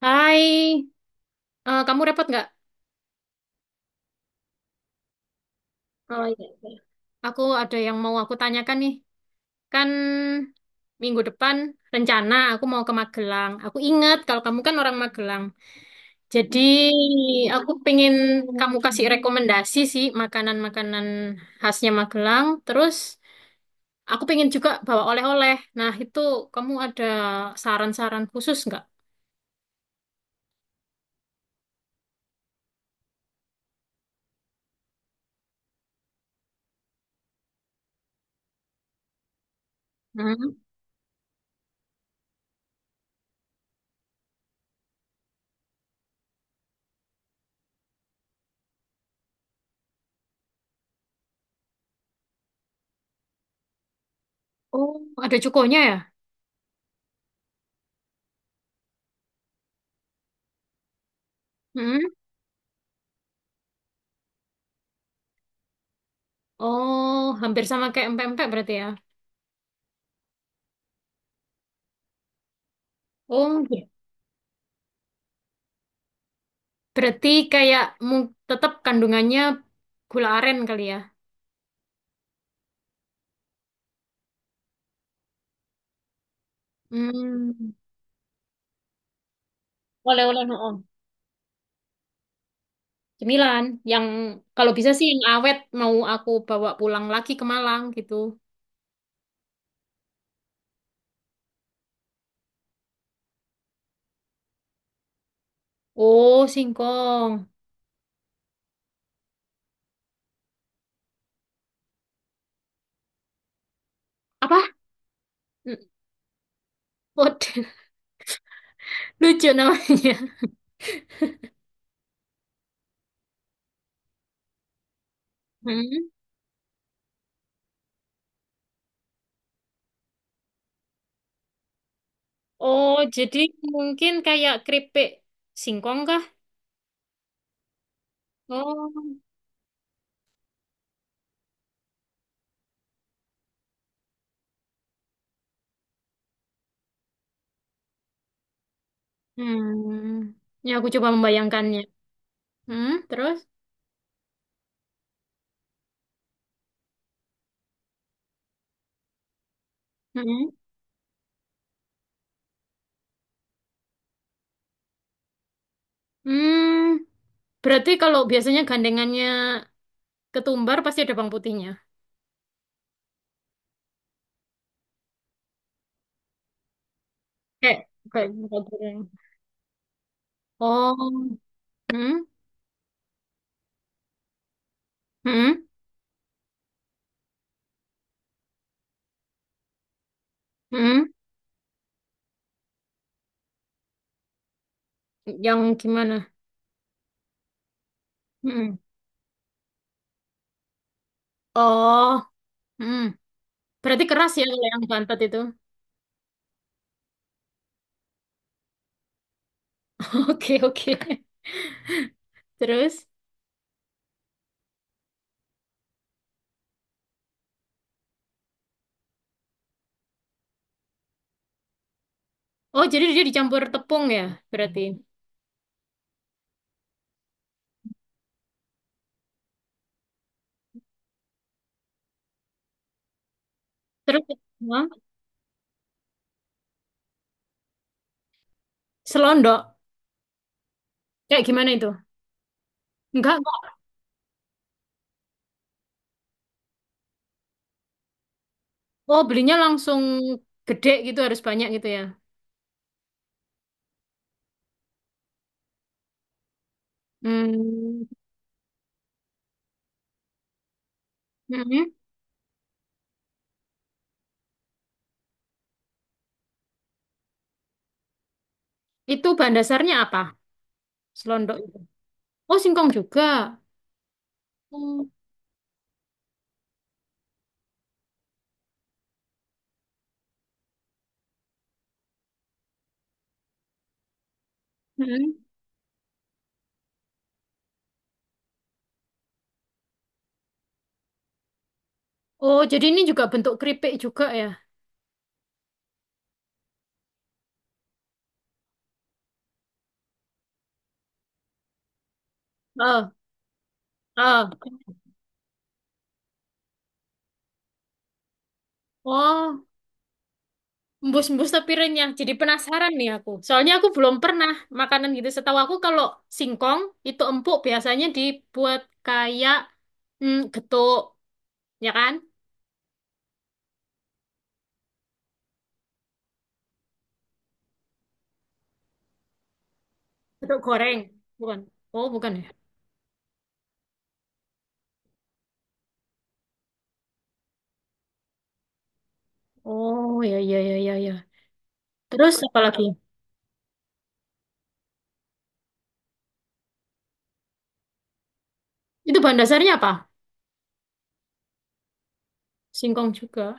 Hai, kamu repot nggak? Oh iya, iya. Aku ada yang mau aku tanyakan nih. Kan minggu depan rencana aku mau ke Magelang. Aku ingat kalau kamu kan orang Magelang. Jadi aku pengen kamu kasih rekomendasi sih makanan-makanan khasnya Magelang. Terus aku pengen juga bawa oleh-oleh. Nah itu kamu ada saran-saran khusus nggak? Hmm. Oh, ada cukonya ya? Hmm? Oh, hampir sama kayak empek-empek berarti ya? Oh, gitu. Berarti kayak tetap kandungannya gula aren kali ya. Hmm, oleh-oleh no. Oh. Cemilan yang kalau bisa sih yang awet mau aku bawa pulang lagi ke Malang gitu. Oh, singkong. Apa? Pot. Lucu namanya. Hmm. Oh, jadi mungkin kayak keripik singkong kah? Oh. Hmm. Ya aku coba membayangkannya. Hmm, terus? Hmm. Hmm. Berarti kalau biasanya gandengannya ketumbar pasti ada bawang putihnya. Kayak kayak kayak goreng. Oh, hmm, hmm, hmm. Yang gimana? Hmm. Oh, hmm. Berarti keras ya kalau yang bantet itu. Oke, oke. Terus, oh jadi dia dicampur tepung ya, berarti. Terus, hah? Selondok. Kayak gimana itu? Enggak, enggak. Oh, belinya langsung gede gitu, harus banyak gitu ya. Hmm, hmm. Itu bahan dasarnya apa? Selondok itu. Oh, singkong juga. Hmm. Mm-mm. Oh, jadi ini juga bentuk keripik juga ya? Oh, oh. Oh, embus-embus tapi renyah. Jadi penasaran nih aku. Soalnya aku belum pernah makanan gitu. Setahu aku kalau singkong itu empuk biasanya dibuat kayak getuk, ya kan? Getuk goreng, bukan? Oh, bukan ya? Oh, ya, ya, ya, ya, ya. Terus apa lagi? Itu bahan dasarnya apa? Singkong juga.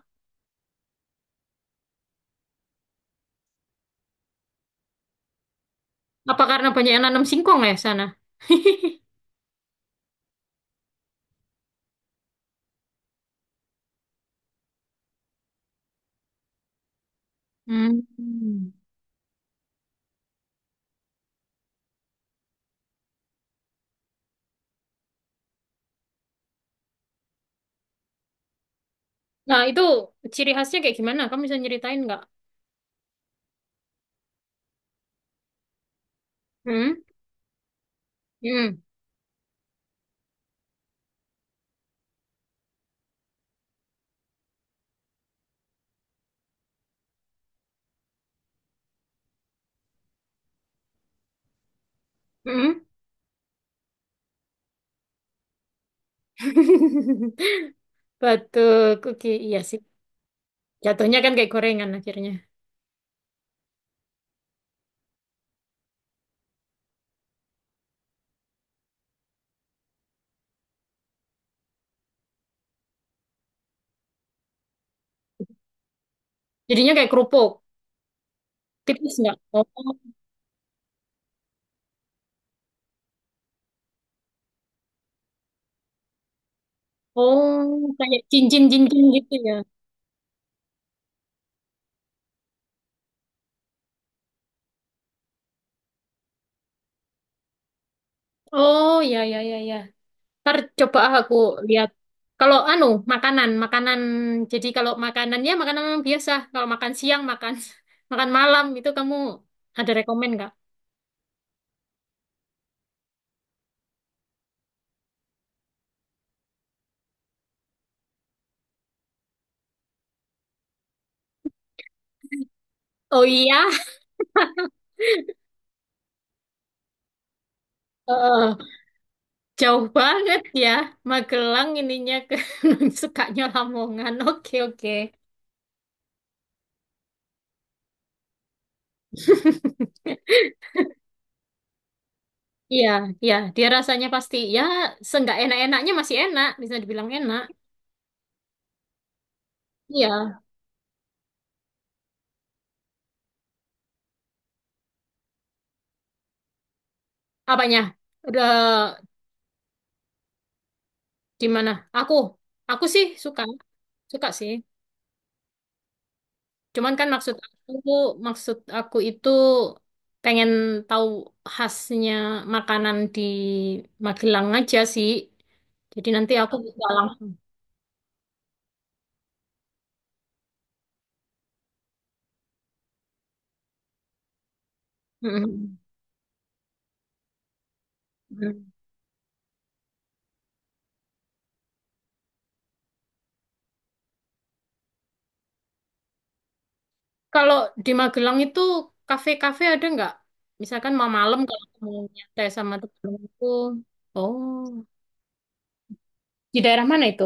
Apa karena banyak yang nanam singkong ya sana? Hmm. Nah, itu ciri khasnya kayak gimana? Kamu bisa nyeritain nggak? Hmm? Hmm? Hmm? Batu kuki, iya sih. Jatuhnya kan kayak gorengan akhirnya. Jadinya kayak kerupuk. Tipis nggak? Oh, oh, kayak cincin-cincin gitu ya. Oh, ya, ya, ya, ya. Ntar coba aku lihat. Kalau anu, makanan, makanan. Jadi kalau makanannya makanan yang biasa. Kalau makan siang, makan makan malam itu kamu ada rekomen nggak? Oh iya. Heeh. Jauh banget ya, Magelang ininya ke sukanya Lamongan. Oke, oke. Iya, iya, dia rasanya pasti ya seenggak enak-enaknya masih enak, bisa dibilang enak. Iya, apanya? Udah di mana? Aku, aku sih suka, suka sih. Cuman kan aku, maksud aku itu pengen tahu khasnya makanan di Magelang aja sih. Jadi nanti aku bisa langsung. Mm-mm. Kalau di Magelang itu kafe-kafe ada nggak? Misalkan mau malam kalau aku mau nyantai sama temanku. Oh, di daerah mana itu?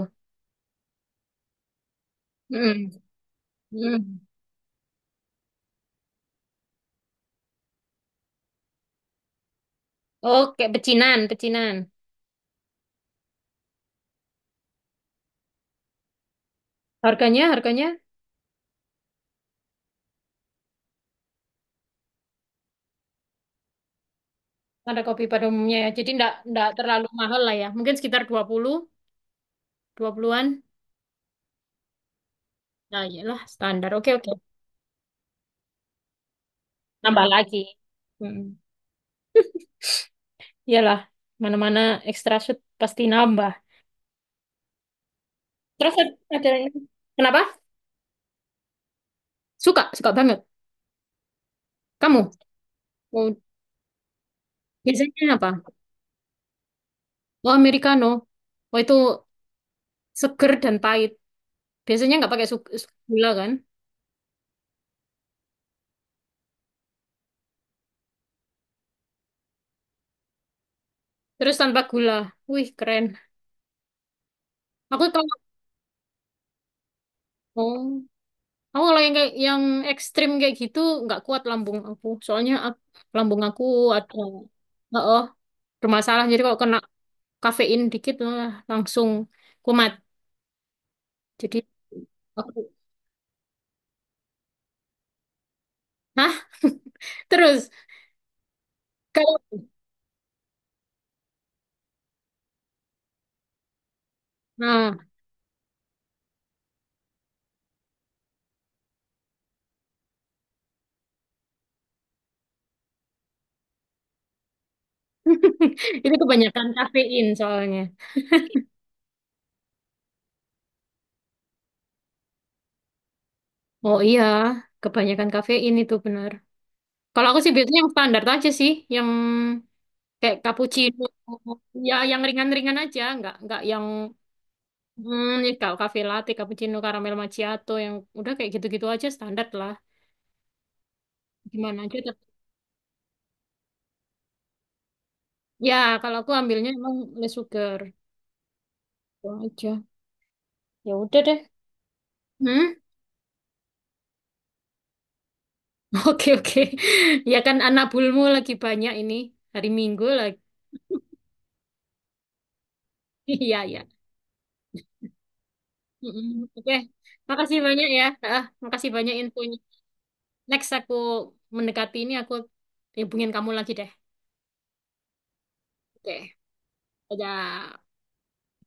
Mm-mm. Mm. Oke, pecinan, pecinan. Harganya ada kopi pada umumnya ya. Jadi ndak ndak terlalu mahal lah ya. Mungkin sekitar 20, 20-an. Nah, iyalah standar. Oke, oke. Nambah lagi. Mm-mm. Iyalah, mana-mana extra shoot pasti nambah. Terus ada, ada- kenapa? Suka, suka banget. Kamu? Biasanya apa? Oh, americano. Oh, itu seger dan pahit. Biasanya nggak pakai gula kan? Terus tanpa gula. Wih, keren. Aku kalau oh, aku kalau yang kayak yang ekstrim kayak gitu nggak kuat lambung aku. Soalnya lambung aku ada bermasalah. Jadi kalau kena kafein dikit wah, langsung kumat. Jadi aku. Hah? Terus kalau, nah, itu kebanyakan kafein soalnya. Oh iya, kebanyakan kafein itu benar. Kalau aku sih biasanya yang standar aja sih, yang kayak cappuccino, ya yang ringan-ringan aja, nggak yang kalau cafe latte, cappuccino, caramel macchiato, yang udah kayak gitu-gitu aja standar lah. Gimana aja tapi ya kalau aku ambilnya emang less sugar itu aja. Ya udah deh. Hmm? Oke, oke. Ya kan anak bulmu lagi banyak ini hari Minggu lagi. Iya ya. Oke. Makasih banyak ya. Ah, makasih banyak infonya. Next aku mendekati ini aku hubungin kamu lagi deh. Oke, dadah.